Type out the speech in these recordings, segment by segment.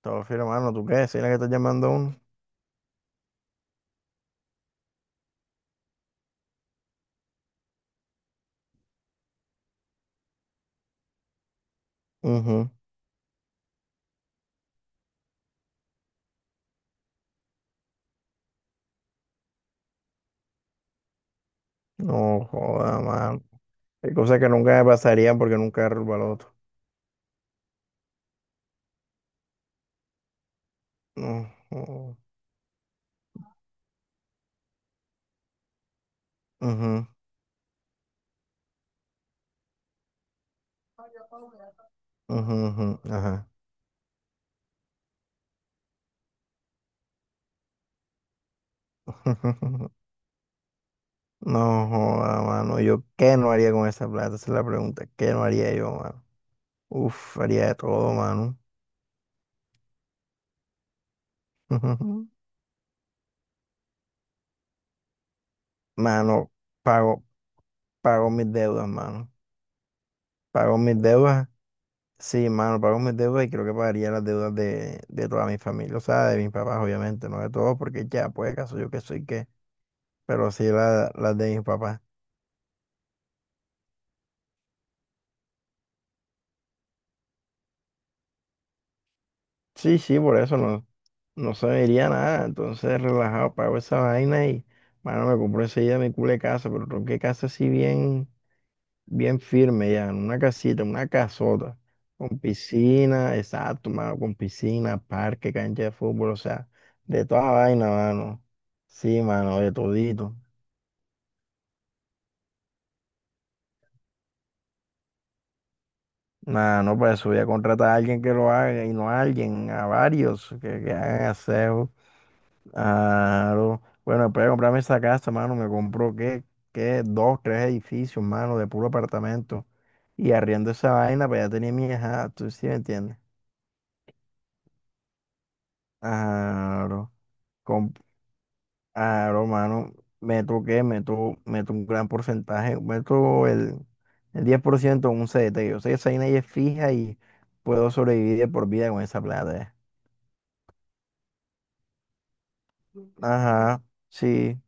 Todo firme, mano. ¿Tú qué? ¿Sí la que estás llamando a uno? Ujú. No joda, mano. Hay cosas que nunca me pasarían porque nunca derrubo el baloto. No joda. Ujú, ujú, ujú, ajá. No joda, mano. ¿Yo qué no haría con esa plata? Esa es la pregunta. ¿Qué no haría yo, mano? Uf, haría de todo, mano. Mano, pago, pago mis deudas, mano. Pago mis deudas. Sí, mano, pago mis deudas y creo que pagaría las deudas de toda mi familia, o sea, de mis papás, obviamente, no de todos, porque ya, pues, caso yo que soy qué, pero sí las de mis papás. Sí, sí, por eso no, no se me iría nada, entonces relajado, pago esa vaina y, mano, me compro enseguida mi culo de casa, pero creo que casa así bien, bien firme ya, en una casita, una casota, con piscina, exacto, mano, con piscina, parque, cancha de fútbol, o sea, de toda vaina, mano. Sí, mano, de todito. Nah, no, pues eso, voy a contratar a alguien que lo haga y no a alguien, a varios que hagan aseo. Claro. Bueno, después de comprarme esa casa, mano, me compró qué, dos, tres edificios, mano, de puro apartamento. Y arriendo esa vaina, pues ya tenía mi hija, tú sí me entiendes. Claro. Com- Claro, mano, meto qué, meto un gran porcentaje, meto el 10% en un CDT. Yo sé que esa vaina ya es fija y puedo sobrevivir de por vida con esa plata. ¿Eh? Ajá, sí.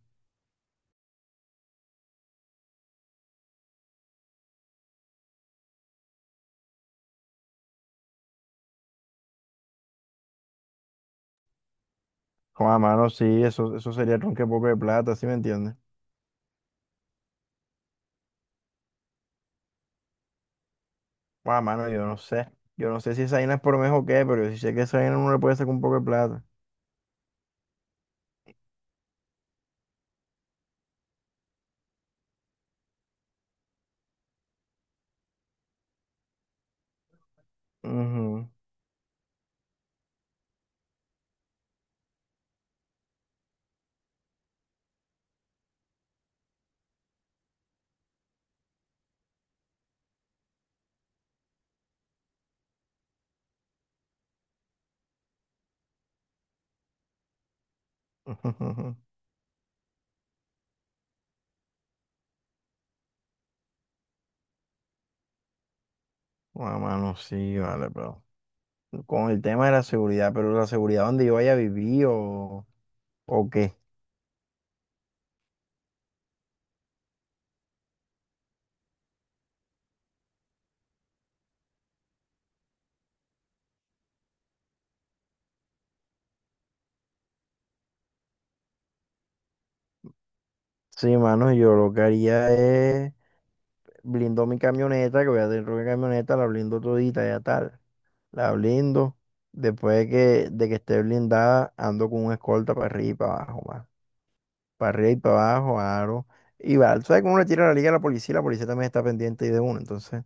Con a mano, sí, eso sería tronque poco de plata, ¿sí me entiendes? Con a mano, yo no sé. Yo no sé si esa vaina es por mes o qué, pero yo sí sé que esa vaina uno le puede sacar un poco de plata. Ujú. Con a mano, sí, vale, pero. Con el tema de la seguridad, pero la seguridad donde yo vaya a vivir o qué. Sí, mano, yo lo que haría es blindo mi camioneta, que voy a tener una camioneta, la blindo todita, ya tal. La blindo. Después de que esté blindada, ando con un escolta para arriba y para abajo, más. Para arriba y para abajo, aro. Y va, tú sabes que uno le tira la liga a la policía también está pendiente y de uno. Entonces,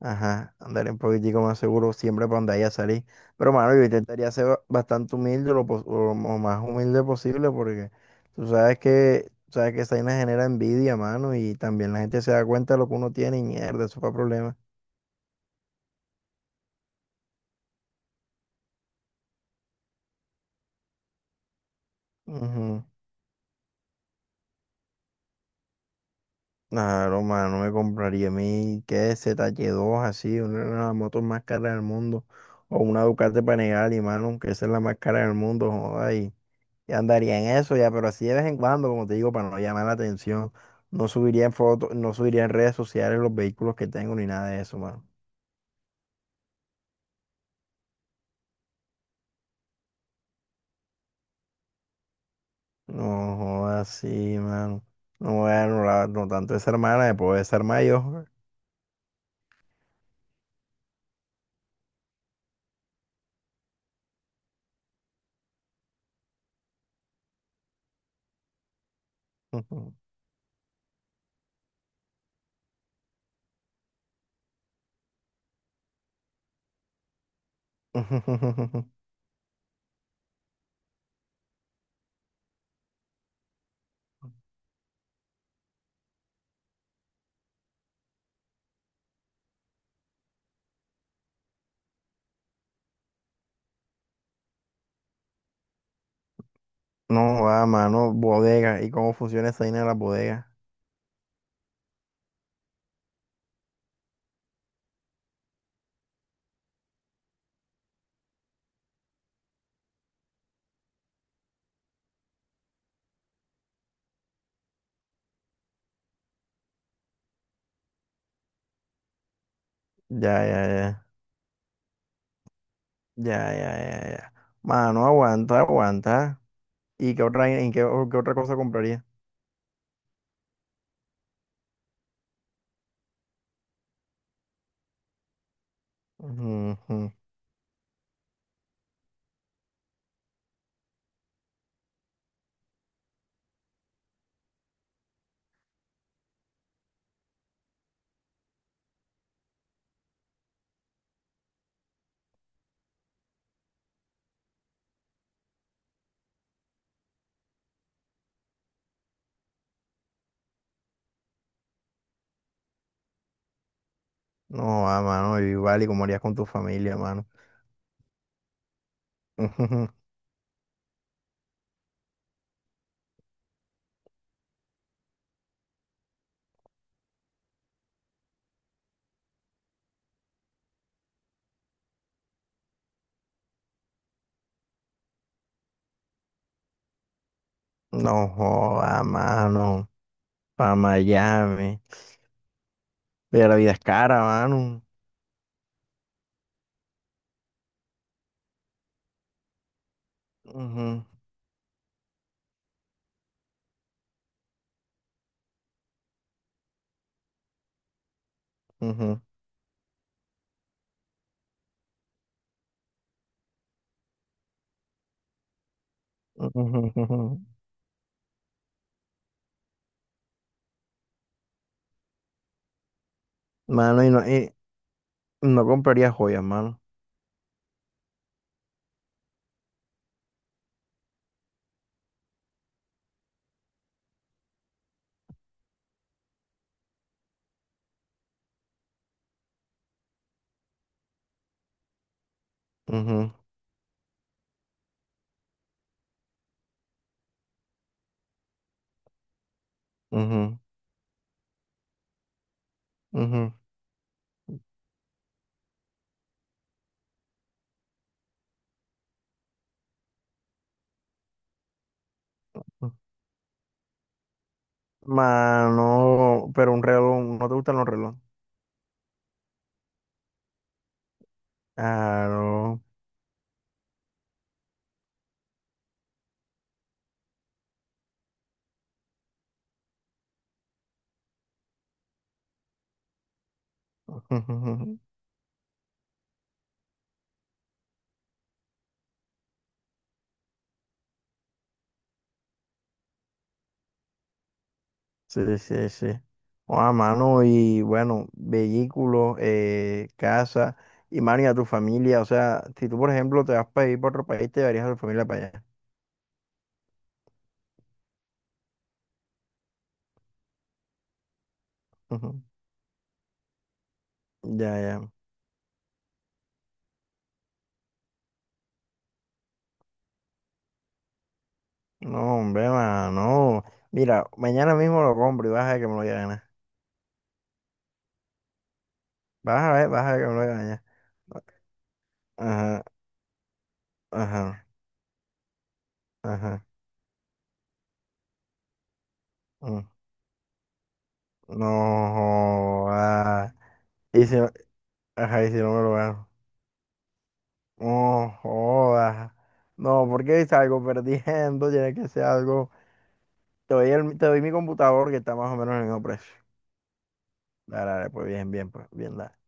ajá, andar un poquitico más seguro siempre para andar y a salir. Pero, mano, yo intentaría ser bastante humilde, o lo más humilde posible, porque tú sabes que esa vaina genera envidia, mano, y también la gente se da cuenta de lo que uno tiene y mierda, eso fue problema. Ujú. Claro, mano, no me compraría a mí, que Z zh dos así, una de las motos más caras del mundo, o una Ducati Panigale, mano, aunque esa es la más cara del mundo, joda, y andaría en eso ya, pero así de vez en cuando, como te digo, para no llamar la atención, no subiría en fotos, no subiría en redes sociales los vehículos que tengo, ni nada de eso, mano. No, joda, sí, mano. No, bueno, no tanto esa hermana, me puedo desarmar yo. No, va, mano, bodega, ¿y cómo funciona esa vaina de la bodega? Ya, ya, ya, ya, ya, ya, ya. Mano, aguanta, aguanta. ¿Y qué otra, en qué, qué otra cosa compraría? Ujú. No, ah, mano, igual, ¿y cómo harías con tu familia, mano? Ujú. No, joda, mano, para Miami. Pero la vida es cara, mano. Ujú, ujú, ujú, ujú. Mano, y no compraría joyas, mano. Ujú, ujú, ujú. Mano, pero un reloj, ¿no te gustan los relojes? Claro. Sí, sí, sí. A mano, y bueno, vehículos, casa, y mano, y a tu familia. O sea, si tú, por ejemplo, te vas para ir para otro país, te llevarías a tu familia para allá. Ya, ya. No, hombre, mano. Mira, mañana mismo lo compro y vas a ver que me lo voy a ganar. Vas a ver que me lo voy a ganar. Ajá, ajá, ajá. Mm. No, joda. Y si, ajá, y si no me lo gano. No jodas. No, porque salgo perdiendo, tiene que ser algo. Te doy mi computador que está más o menos en el mismo precio. Dale, dale, pues bien, bien, pues bien, dale.